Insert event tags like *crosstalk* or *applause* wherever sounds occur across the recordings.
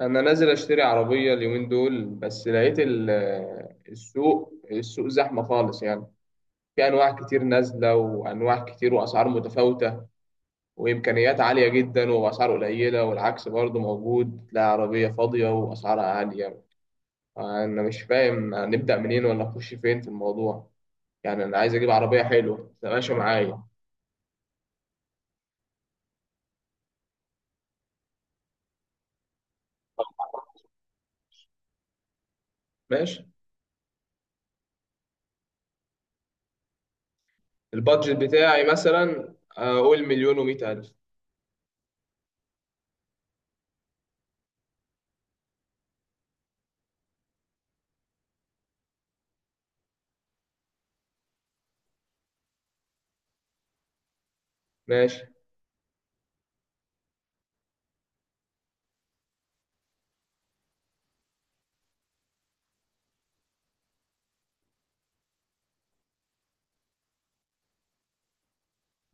انا نازل اشتري عربيه اليومين دول بس لقيت السوق زحمه خالص، يعني في انواع كتير نازله وانواع كتير واسعار متفاوته، وامكانيات عاليه جدا واسعار قليله، والعكس برضه موجود، تلاقي عربيه فاضيه واسعارها عاليه. انا مش فاهم هنبدا منين ولا نخش فين في الموضوع، يعني انا عايز اجيب عربيه حلوه ماشي معايا. ماشي، البادجت بتاعي مثلا اقول مليون ومئة الف. ماشي.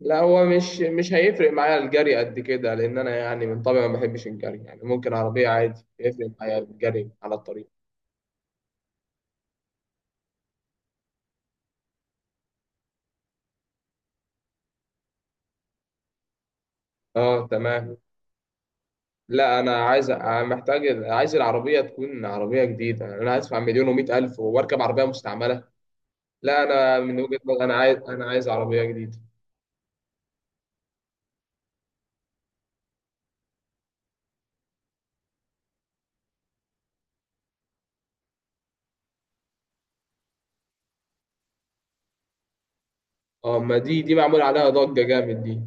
لا، هو مش هيفرق معايا الجري قد كده، لان انا يعني من طبعي ما بحبش الجري، يعني ممكن عربيه عادي يفرق معايا الجري على الطريق. اه تمام. لا انا عايز، محتاج، عايز العربيه تكون عربيه جديده، انا هدفع مليون ومئة الف واركب عربيه مستعمله؟ لا انا من وجهه نظري انا عايز عربيه جديده. اه، ما دي معمول عليها ضجه جامد دي.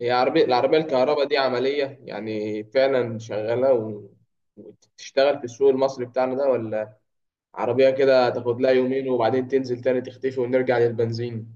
هي عربيه، العربيه الكهرباء دي عمليه يعني فعلا شغاله و... وتشتغل في السوق المصري بتاعنا ده، ولا عربية كده تاخد لها يومين وبعدين تنزل تاني تختفي ونرجع للبنزين؟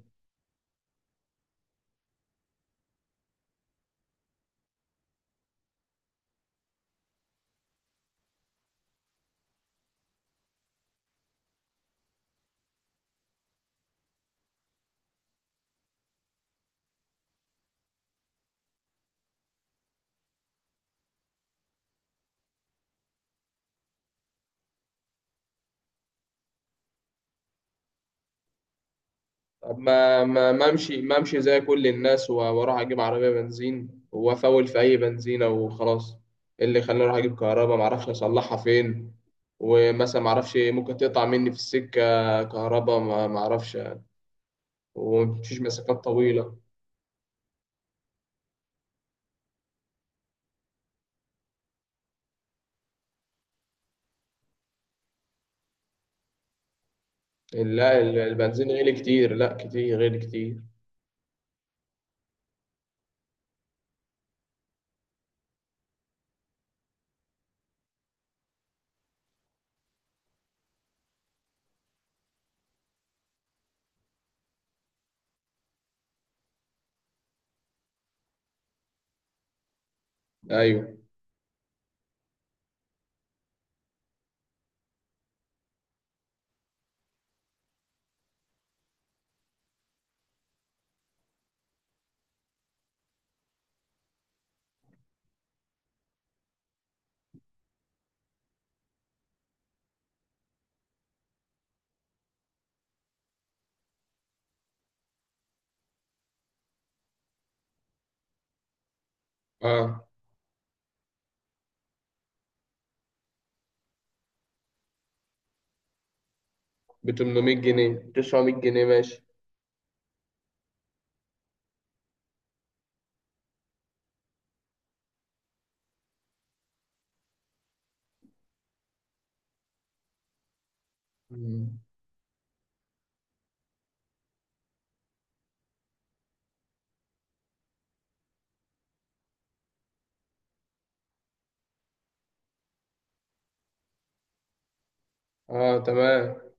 طب ما امشي زي كل الناس واروح اجيب عربية بنزين وافول في اي بنزينة وخلاص؟ إيه اللي خلاني اروح اجيب كهرباء ما اعرفش اصلحها فين، ومثلا ما اعرفش ممكن تقطع مني في السكة كهرباء، ما اعرفش، ومفيش مسافات طويلة. لا البنزين غالي كتير، لا كتير غالي كتير. ايوه. اه ب 800 جنيه 900 جنيه ماشي. مم. اه تمام.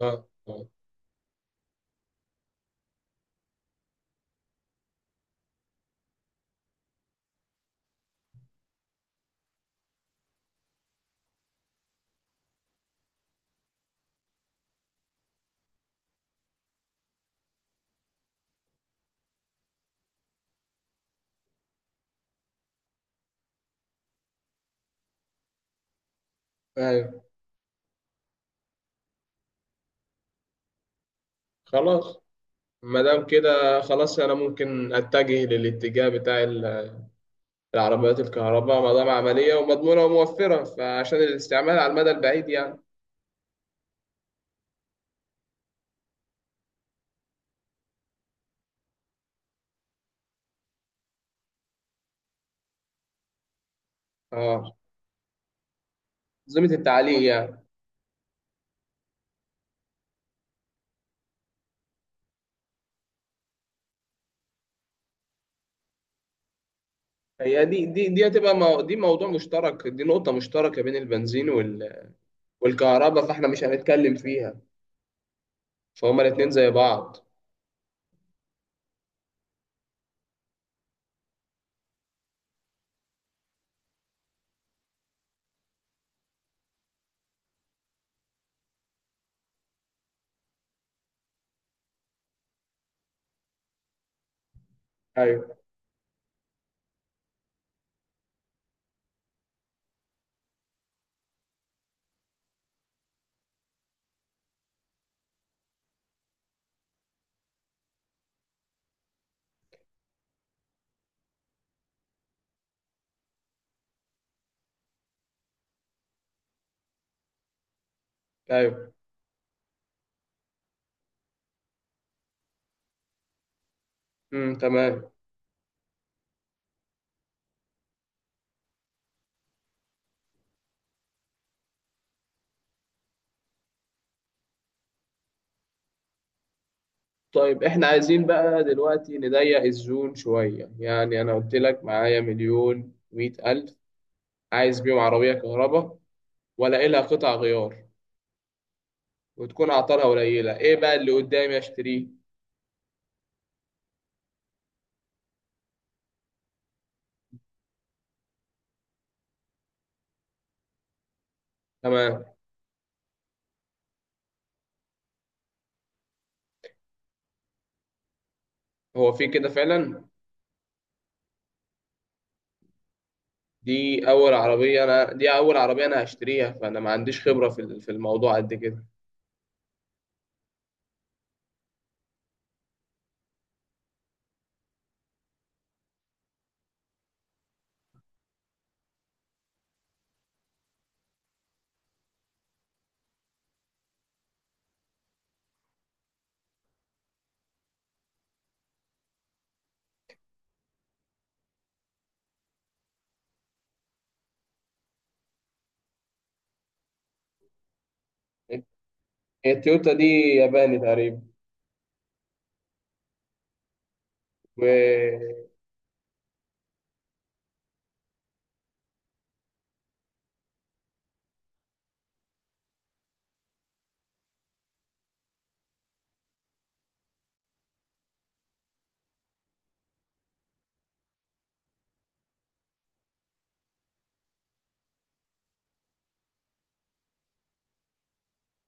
اه اه. ايوه. خلاص، ما دام كده خلاص انا ممكن اتجه للاتجاه بتاع العربيات الكهرباء، ما دام عمليه ومضمونه وموفره، فعشان الاستعمال على المدى البعيد يعني. اه، انظمه التعليق يعني. هي دي هتبقى دي موضوع مشترك، دي نقطه مشتركه بين البنزين وال... والكهرباء، فاحنا مش هنتكلم فيها، فهما الاتنين زي بعض. ايوه ايوه. تمام. طيب احنا عايزين بقى دلوقتي نضيق الزون شوية، يعني انا قلت لك معايا مليون مية الف، عايز بيهم عربية كهرباء، ولا لها قطع غيار، وتكون اعطالها قليلة، ايه بقى اللي قدامي اشتريه؟ تمام. هو في كده فعلا؟ دي اول عربية انا هشتريها، فانا ما عنديش خبرة في في الموضوع قد كده. هي التويوتا دي ياباني تقريبا و...؟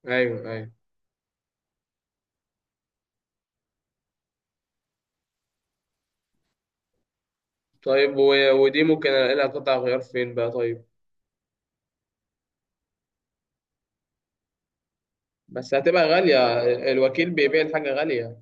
ايوه ايوه. طيب و... ودي ممكن الاقي لها قطع غيار فين بقى طيب؟ بس هتبقى غالية، الوكيل بيبيع الحاجة غالية.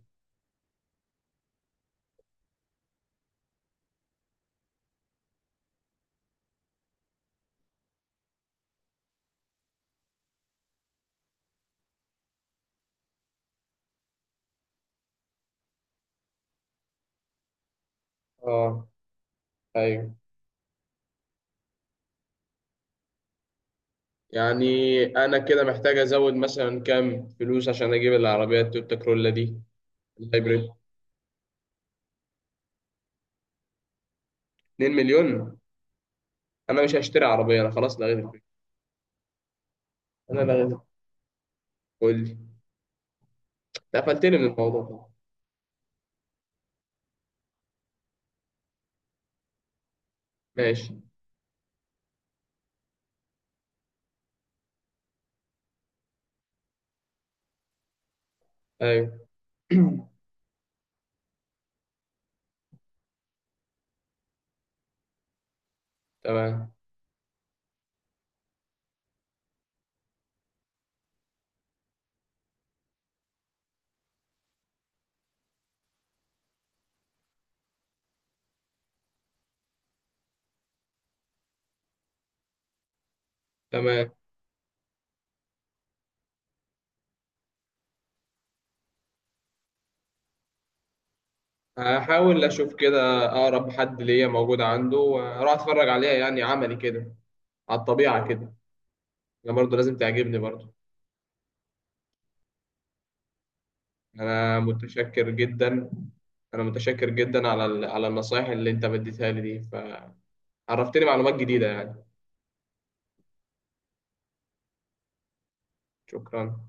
اه، ايوه، يعني انا كده محتاج ازود مثلا كام فلوس عشان اجيب العربية التويوتا كرولا دي الهايبريد؟ 2 مليون؟ انا مش هشتري عربية، انا خلاص لغيت الفكرة. انا لغيت، قول لي، أنت قفلتني من الموضوع ده. ماشي. ايوه. *clears throat* تمام. تمام، هحاول اشوف كده اقرب حد ليا موجود عنده واروح اتفرج عليها، يعني عملي كده، على الطبيعة كده. انا برضه لازم تعجبني برضه. انا متشكر جدا، انا متشكر جدا على على النصايح اللي انت بديتها لي دي، فعرفتني معلومات جديدة يعني. شكرا.